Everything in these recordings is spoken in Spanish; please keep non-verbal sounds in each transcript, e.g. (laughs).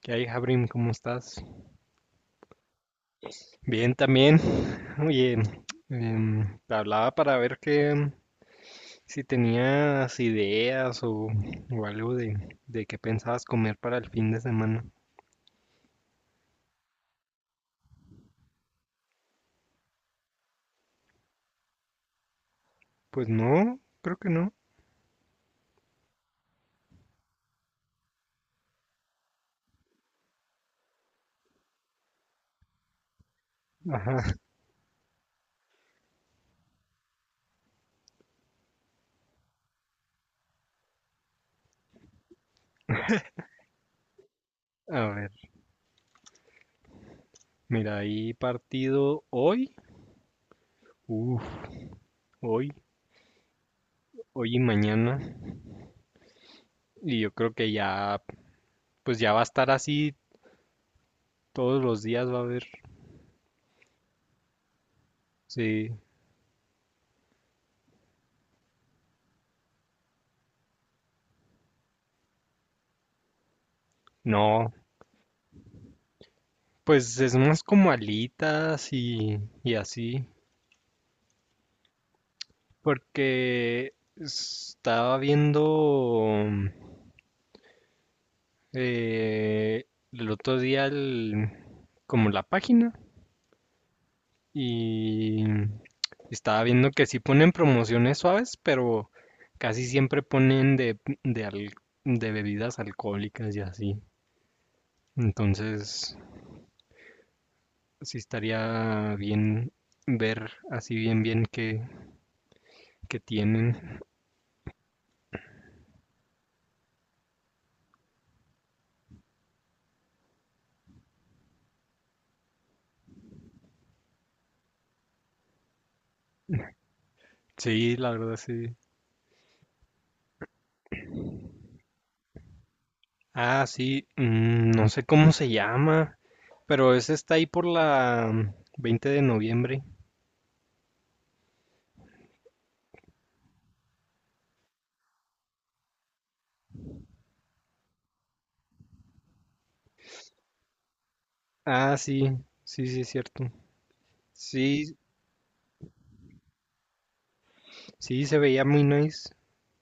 ¿Qué hay, Jabrim? ¿Cómo estás? Bien, también. Oye, te hablaba para ver que si tenías ideas o algo de qué pensabas comer para el fin de semana. Pues no, creo que no. Ajá. A ver, mira, hay partido hoy. Uf, hoy, hoy y mañana. Y yo creo que ya, pues ya va a estar así todos los días, va a haber. Sí. No, pues es más como alitas y así. Porque estaba viendo eh, el otro día como la página y estaba viendo que sí ponen promociones suaves, pero casi siempre ponen de, de bebidas alcohólicas y así. Entonces, sí estaría bien ver así bien bien qué, qué tienen. Sí, la verdad sí. Ah, sí, no sé cómo se llama, pero ese está ahí por la 20 de noviembre. Ah, sí, sí, sí, es cierto. Sí, sí, se veía muy nice.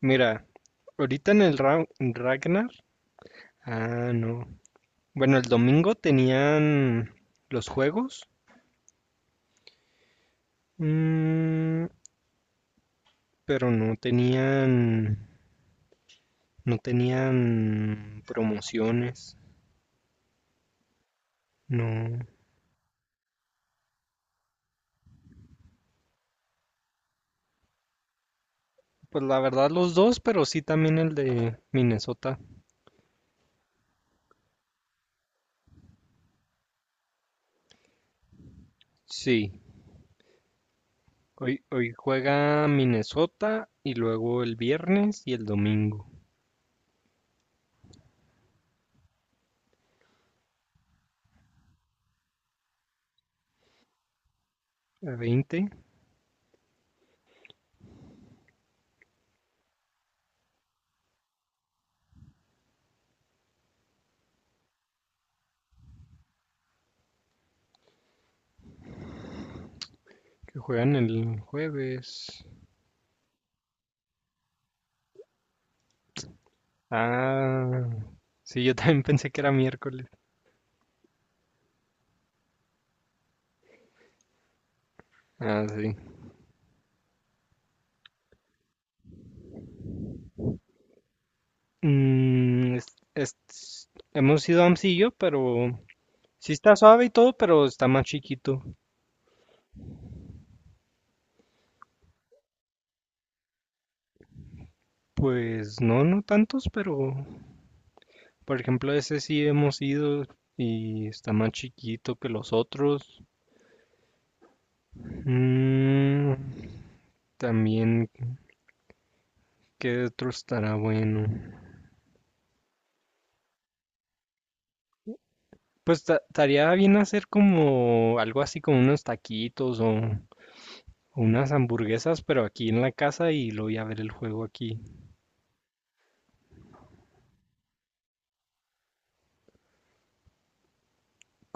Mira, ahorita en el Ragnar, ah, no. Bueno, el domingo tenían los juegos, mm, pero no tenían, no tenían promociones, no. Pues la verdad los dos, pero sí también el de Minnesota. Sí, hoy, hoy juega Minnesota y luego el viernes y el domingo. A 20 que juegan el jueves. Ah, sí, yo también (laughs) pensé que era miércoles. Ah, sí. Mm, hemos ido a Amsillo, pero sí está suave y todo, pero está más chiquito. Pues no, no tantos, pero por ejemplo ese sí hemos ido y está más chiquito que los otros. Mm, también, ¿qué otro estará bueno? Pues estaría bien hacer como algo así como unos taquitos o unas hamburguesas, pero aquí en la casa y luego ya ver el juego aquí.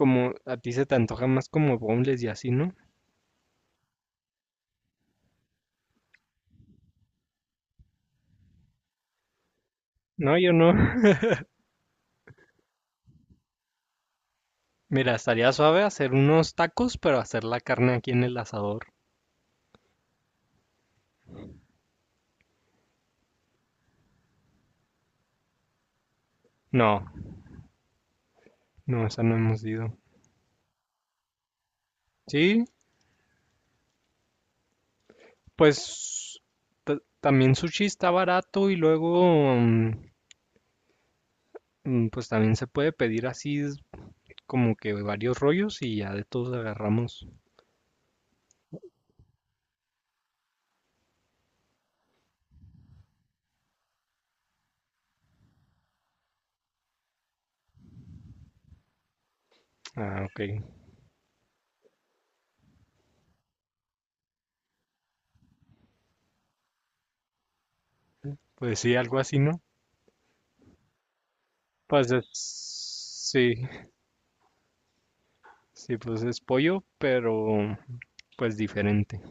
Como a ti se te antoja más como bombles y así, ¿no? No, yo no. (laughs) Mira, estaría suave hacer unos tacos, pero hacer la carne aquí en el asador. No, no, esa no hemos ido. Sí, pues también sushi está barato y luego, pues también se puede pedir así como que varios rollos y ya de todos agarramos. Ah, ok. Pues sí, algo así, ¿no? Pues es... Sí, sí, pues es pollo, pero pues diferente.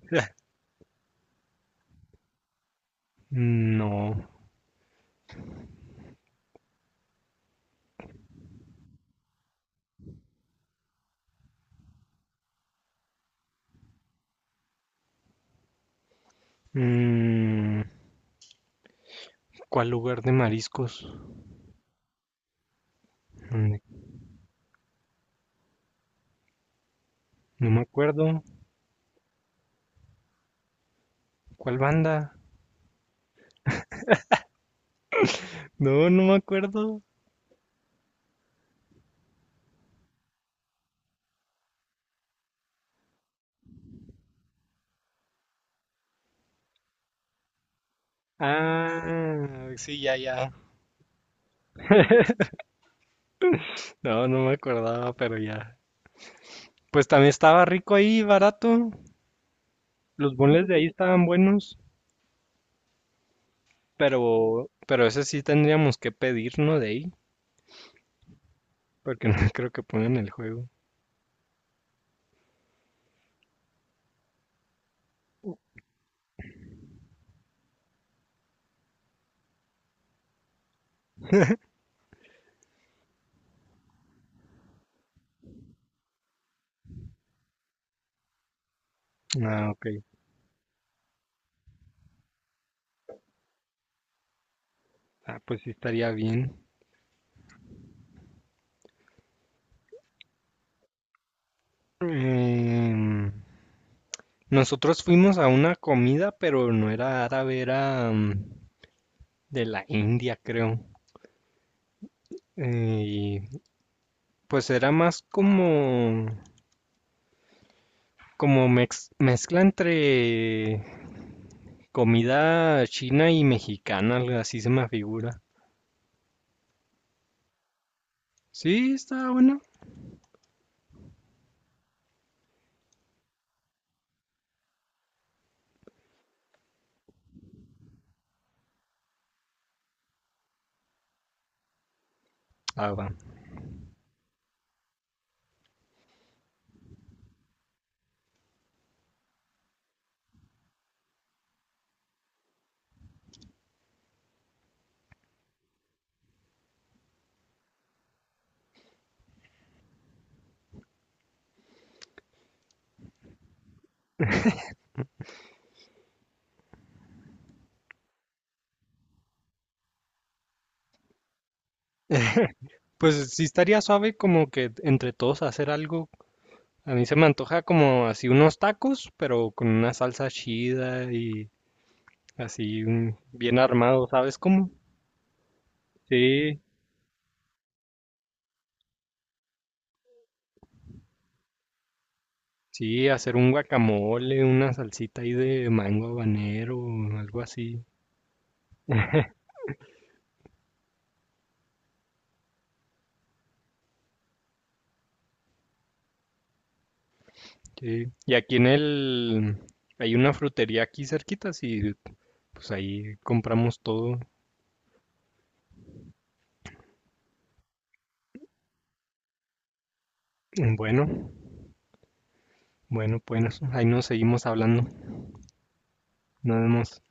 (laughs) No. Mm, ¿cuál lugar de mariscos? Mm, no me acuerdo. ¿Cuál banda? No, no me acuerdo. Ah, sí, ya, ya. No, no me acordaba, pero ya. Pues también estaba rico ahí, barato. Los bonles de ahí estaban buenos. Pero ese sí tendríamos que pedirnos de ahí, porque no (laughs) creo que pongan el juego. Ah, ok. Ah, pues sí estaría bien. Em, nosotros fuimos a una comida, pero no era árabe, era de la India, creo. Y pues era más como, como mezcla entre comida china y mexicana, algo así se me figura. Sí, está bueno. Ah, va. Pues sí estaría suave como que entre todos hacer algo. A mí se me antoja como así unos tacos, pero con una salsa chida y así bien armado, ¿sabes cómo? Sí, sí, hacer un guacamole, una salsita ahí de mango habanero, algo así. Sí. Y aquí en el... hay una frutería aquí cerquita, y pues ahí compramos todo. Bueno, bueno, pues ahí nos seguimos hablando. Nos vemos.